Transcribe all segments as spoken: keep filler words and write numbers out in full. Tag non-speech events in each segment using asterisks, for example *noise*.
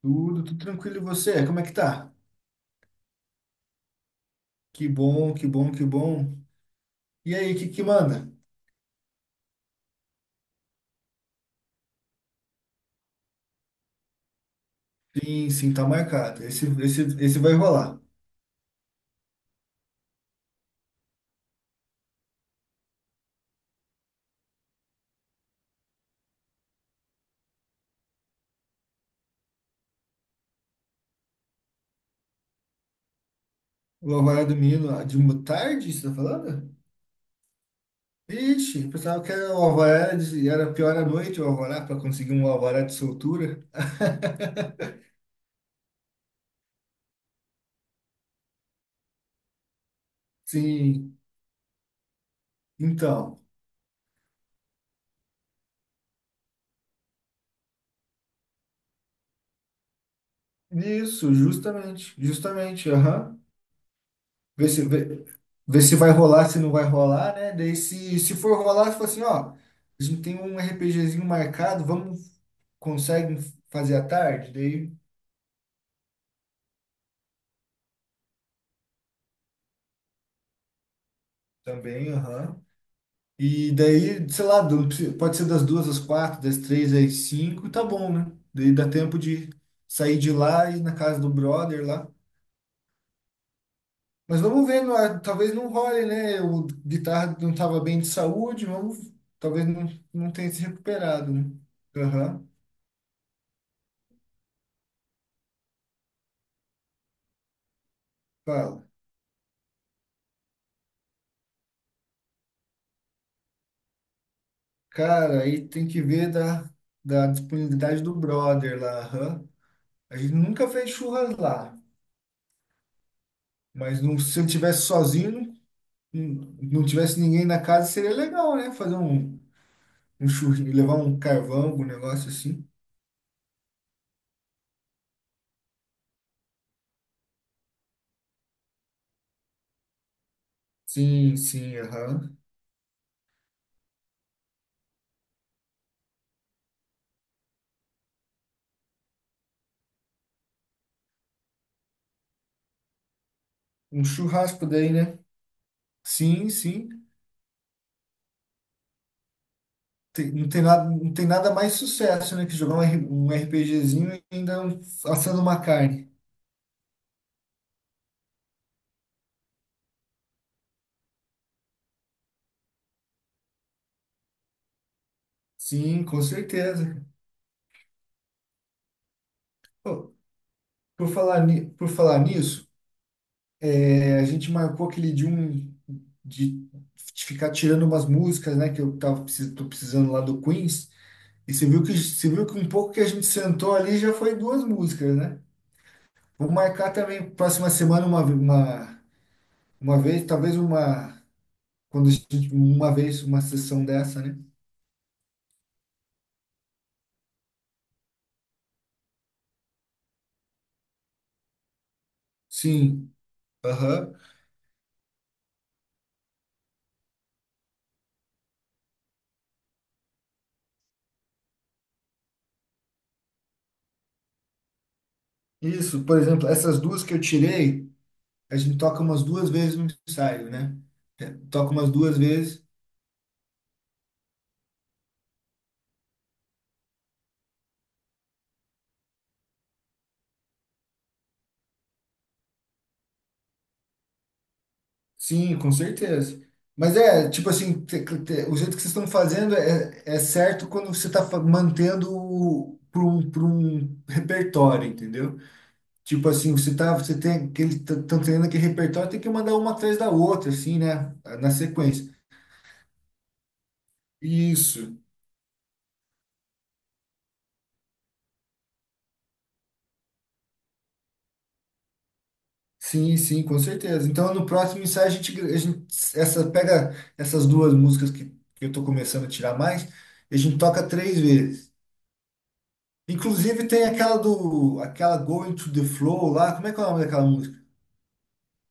Tudo, tudo tranquilo. E você? Como é que tá? Que bom, que bom, que bom. E aí, que que manda? Sim, sim, tá marcado. Esse, esse, esse vai rolar. O Alvará do Menino de uma tarde, você tá falando? Ixi, eu pensava que era o Alvará de, era pior à noite o Alvará para conseguir um Alvará de soltura. Sim, então. Isso, justamente, justamente, aham. Ver se, ver, ver se vai rolar, se não vai rolar, né? Daí se, se for rolar, você fala assim, ó. A gente tem um RPGzinho marcado, vamos conseguem fazer à tarde? Daí também, aham. E daí, sei lá, do- pode ser das duas às quatro, das três às cinco, tá bom, né? Daí dá tempo de sair de lá e ir na casa do brother lá. Mas vamos ver, não é- talvez não role, né? O guitarra não estava bem de saúde, vamos, talvez não, não tenha se recuperado, né? Aham, fala. Cara, aí tem que ver da, da disponibilidade do brother lá, aham. A gente nunca fez churras lá, mas não, se ele tivesse sozinho, hum não tivesse ninguém na casa, seria legal, né? Fazer um, um, churri, levar um carvão, um negócio assim. Sim, sim, aham. Um churrasco daí, né? Sim, sim. Tem- não tem nada, não tem nada mais sucesso, né? Que jogar um, R- um RPGzinho e ainda um- assando uma carne. Sim, com certeza. Pô, por falar, ni- por falar nisso, é, a gente marcou aquele de um de ficar tirando umas músicas, né? Que eu tava, precis- tô precisando lá do Queens. E você viu que, você viu que um pouco que a gente sentou ali já foi duas músicas, né? Vou marcar também próxima semana uma, uma, uma vez, talvez uma, quando a gente, uma vez uma sessão dessa, né? Sim, aham. Isso, por exemplo, essas duas que eu tirei, a gente toca umas duas vezes no ensaio, né? É, toca umas duas vezes. Sim, com certeza. Mas é, tipo assim, te- te- o jeito que vocês estão fazendo é, é, certo quando você está mantendo para um, pra um repertório, entendeu? Tipo assim, você tá, você tem aquele, estão treinando aquele repertório, tem que mandar uma atrás da outra, assim, né? Na sequência. Isso. Sim, sim, com certeza. Então, no próximo ensaio, a gente, a gente essa, pega essas duas músicas que, que eu tô começando a tirar mais, e a gente toca três vezes. Inclusive tem aquela do, aquela Going to the Flow lá, como é que é o nome daquela música?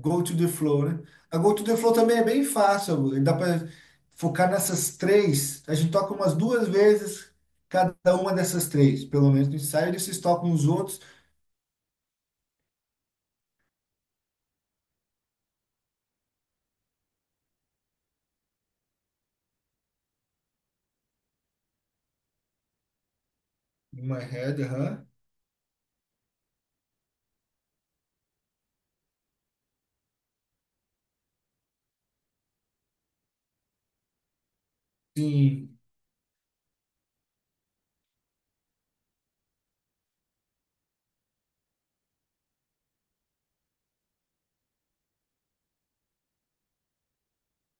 Go to the Flow, né? A Go to the Flow também é bem fácil, dá para focar nessas três. A gente toca umas duas vezes cada uma dessas três, pelo menos no ensaio, eles tocam os outros. In my head, aham. Sim.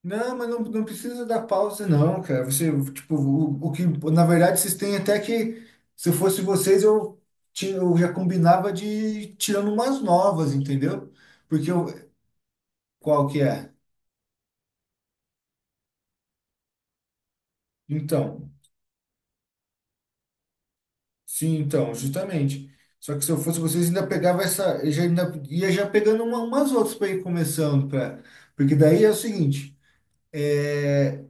Não, mas não, não precisa dar pausa, não, cara. Você, tipo, o, o que, na verdade, vocês têm até que, se eu fosse vocês, eu, tinha, eu já combinava de ir tirando umas novas, entendeu? Porque eu, qual que é? Então, sim, então, justamente. Só que se eu fosse vocês, ainda pegava essa, eu já ainda ia já pegando uma- umas outras para ir começando, pra, porque daí é o seguinte, é,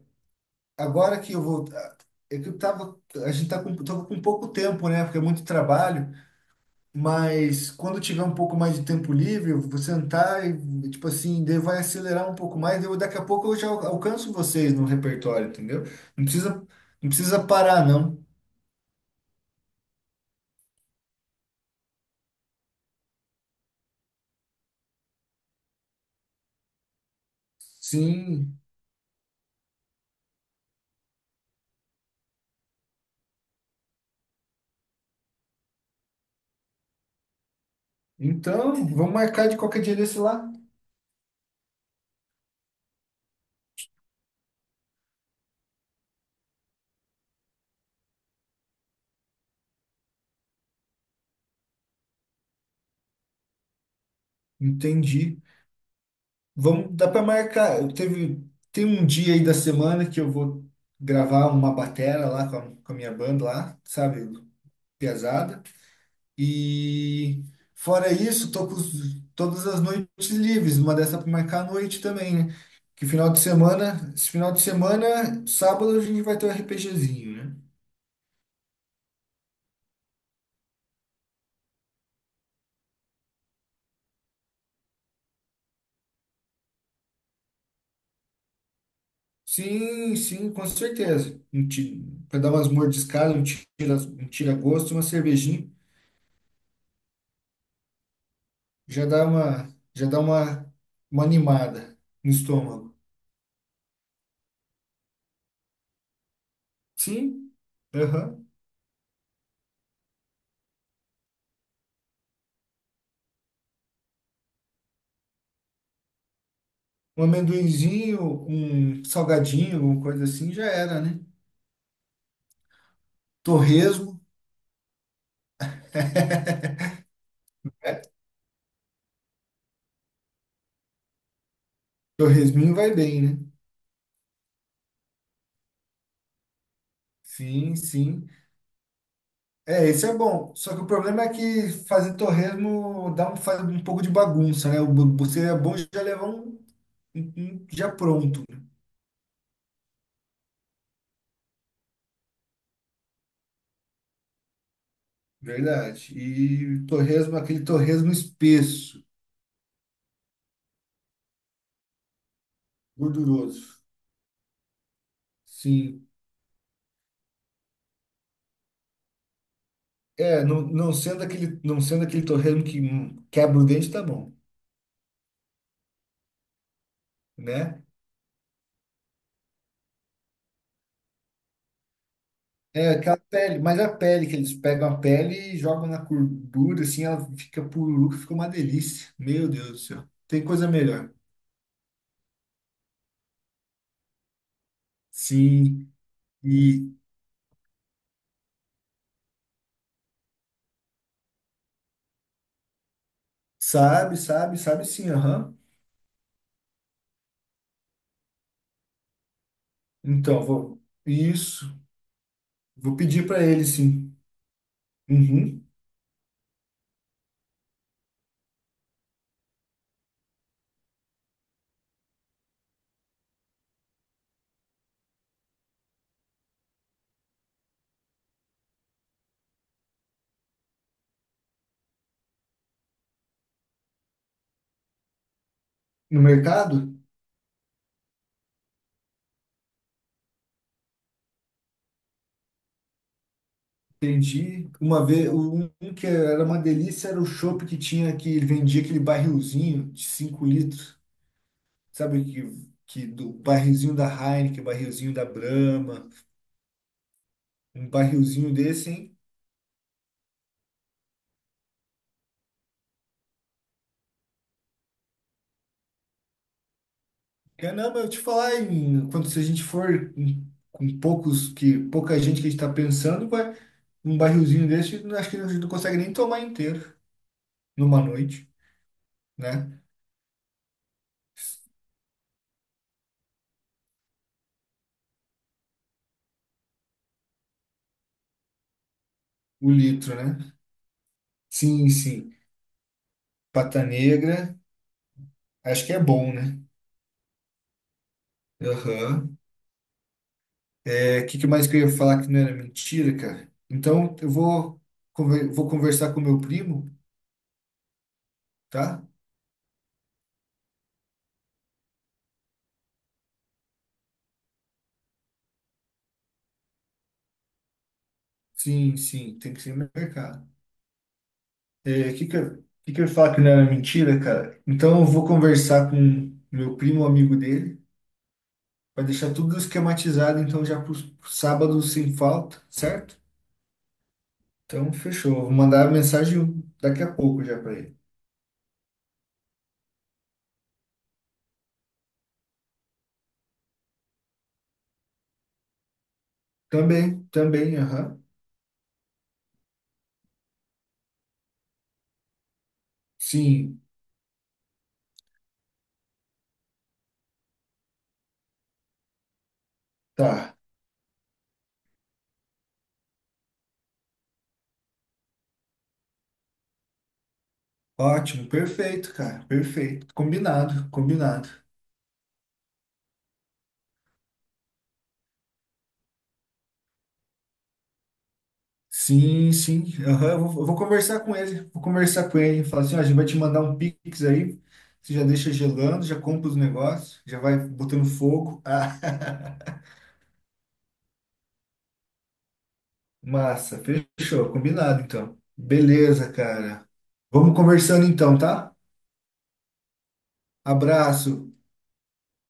agora que eu vou, é que eu tava, a gente tá com, tava com pouco tempo, né? Porque é muito trabalho. Mas quando tiver um pouco mais de tempo livre, eu vou sentar e, tipo assim, daí vai acelerar um pouco mais. Eu, daqui a pouco eu já al- alcanço vocês no repertório, entendeu? Não precisa, não precisa parar, não. Sim. Então, vamos marcar de qualquer dia desse lá. Entendi. Vamos, dá para marcar. Eu teve, tem um dia aí da semana que eu vou gravar uma batera lá com a, com a minha banda lá, sabe? Pesada. E fora isso, tô com os- todas as noites livres, uma dessa para marcar a noite também, né? Que final de semana, Esse final de semana, sábado a gente vai ter um RPGzinho, né? Sim, sim, com certeza. Um ti- Pra dar umas mordiscadas, um tira, um tira-gosto, uma cervejinha, já dá uma, já dá uma, uma animada no estômago. Sim, aham. Um amendoinzinho, um salgadinho, alguma coisa assim, já era, né? Torresmo. *laughs* Torresminho vai bem, né? Sim, sim. É, esse é bom. Só que o problema é que fazer torresmo dá um, faz um pouco de bagunça, né? O bu- bu- Seria bom já levar um, um- um já pronto, né? Verdade. E torresmo, aquele torresmo espesso, gorduroso. Sim. É, não, não sendo aquele, não sendo aquele torresmo que hum, quebra o dente, tá bom, né? É aquela pele, mas a pele que eles pegam a pele e jogam na gordura, assim, ela fica pururuca, fica uma delícia. Meu Deus do céu. Tem coisa melhor. Sim, e sabe, sabe, sabe sim, aham. Então, vou. Isso. Vou pedir para ele, sim. Uhum. No mercado? Entendi. Uma vez, um um que era uma delícia era o chopp que tinha que ele vendia aquele barrilzinho de cinco litros. Sabe que, que do barrilzinho da Heineken, barrilzinho da Brahma. Um barrilzinho desse, hein? Caramba, eu te falar, em- quando se a gente for em- com poucos que pouca gente que a gente tá pensando, vai um barrilzinho desse, eu acho que a gente não consegue nem tomar inteiro numa noite, né? O litro, né? Sim, sim. Pata negra, acho que é bom, né? Aham. É, o que que mais que eu ia falar que não era mentira, cara? Então, eu vou conver- vou conversar com meu primo, tá? Sim, sim, tem que ser no mercado. É, que que eu, que que eu ia falar que não era mentira, cara? Então eu vou conversar com meu primo, amigo dele, para deixar tudo esquematizado, então já pro pro sábado sem falta, certo? Então fechou. Vou mandar a mensagem daqui a pouco já para ele. Também, também, aham. Sim, tá. Ótimo, perfeito, cara, perfeito. Combinado, combinado. Sim, sim. Aham, eu vou, eu vou conversar com ele. Vou conversar com ele. Falar assim, ó, a gente vai te mandar um Pix aí. Você já deixa gelando, já compra os negócios, já vai botando fogo. *laughs* Ah, massa, fechou. Combinado, então. Beleza, cara. Vamos conversando então, tá? Abraço.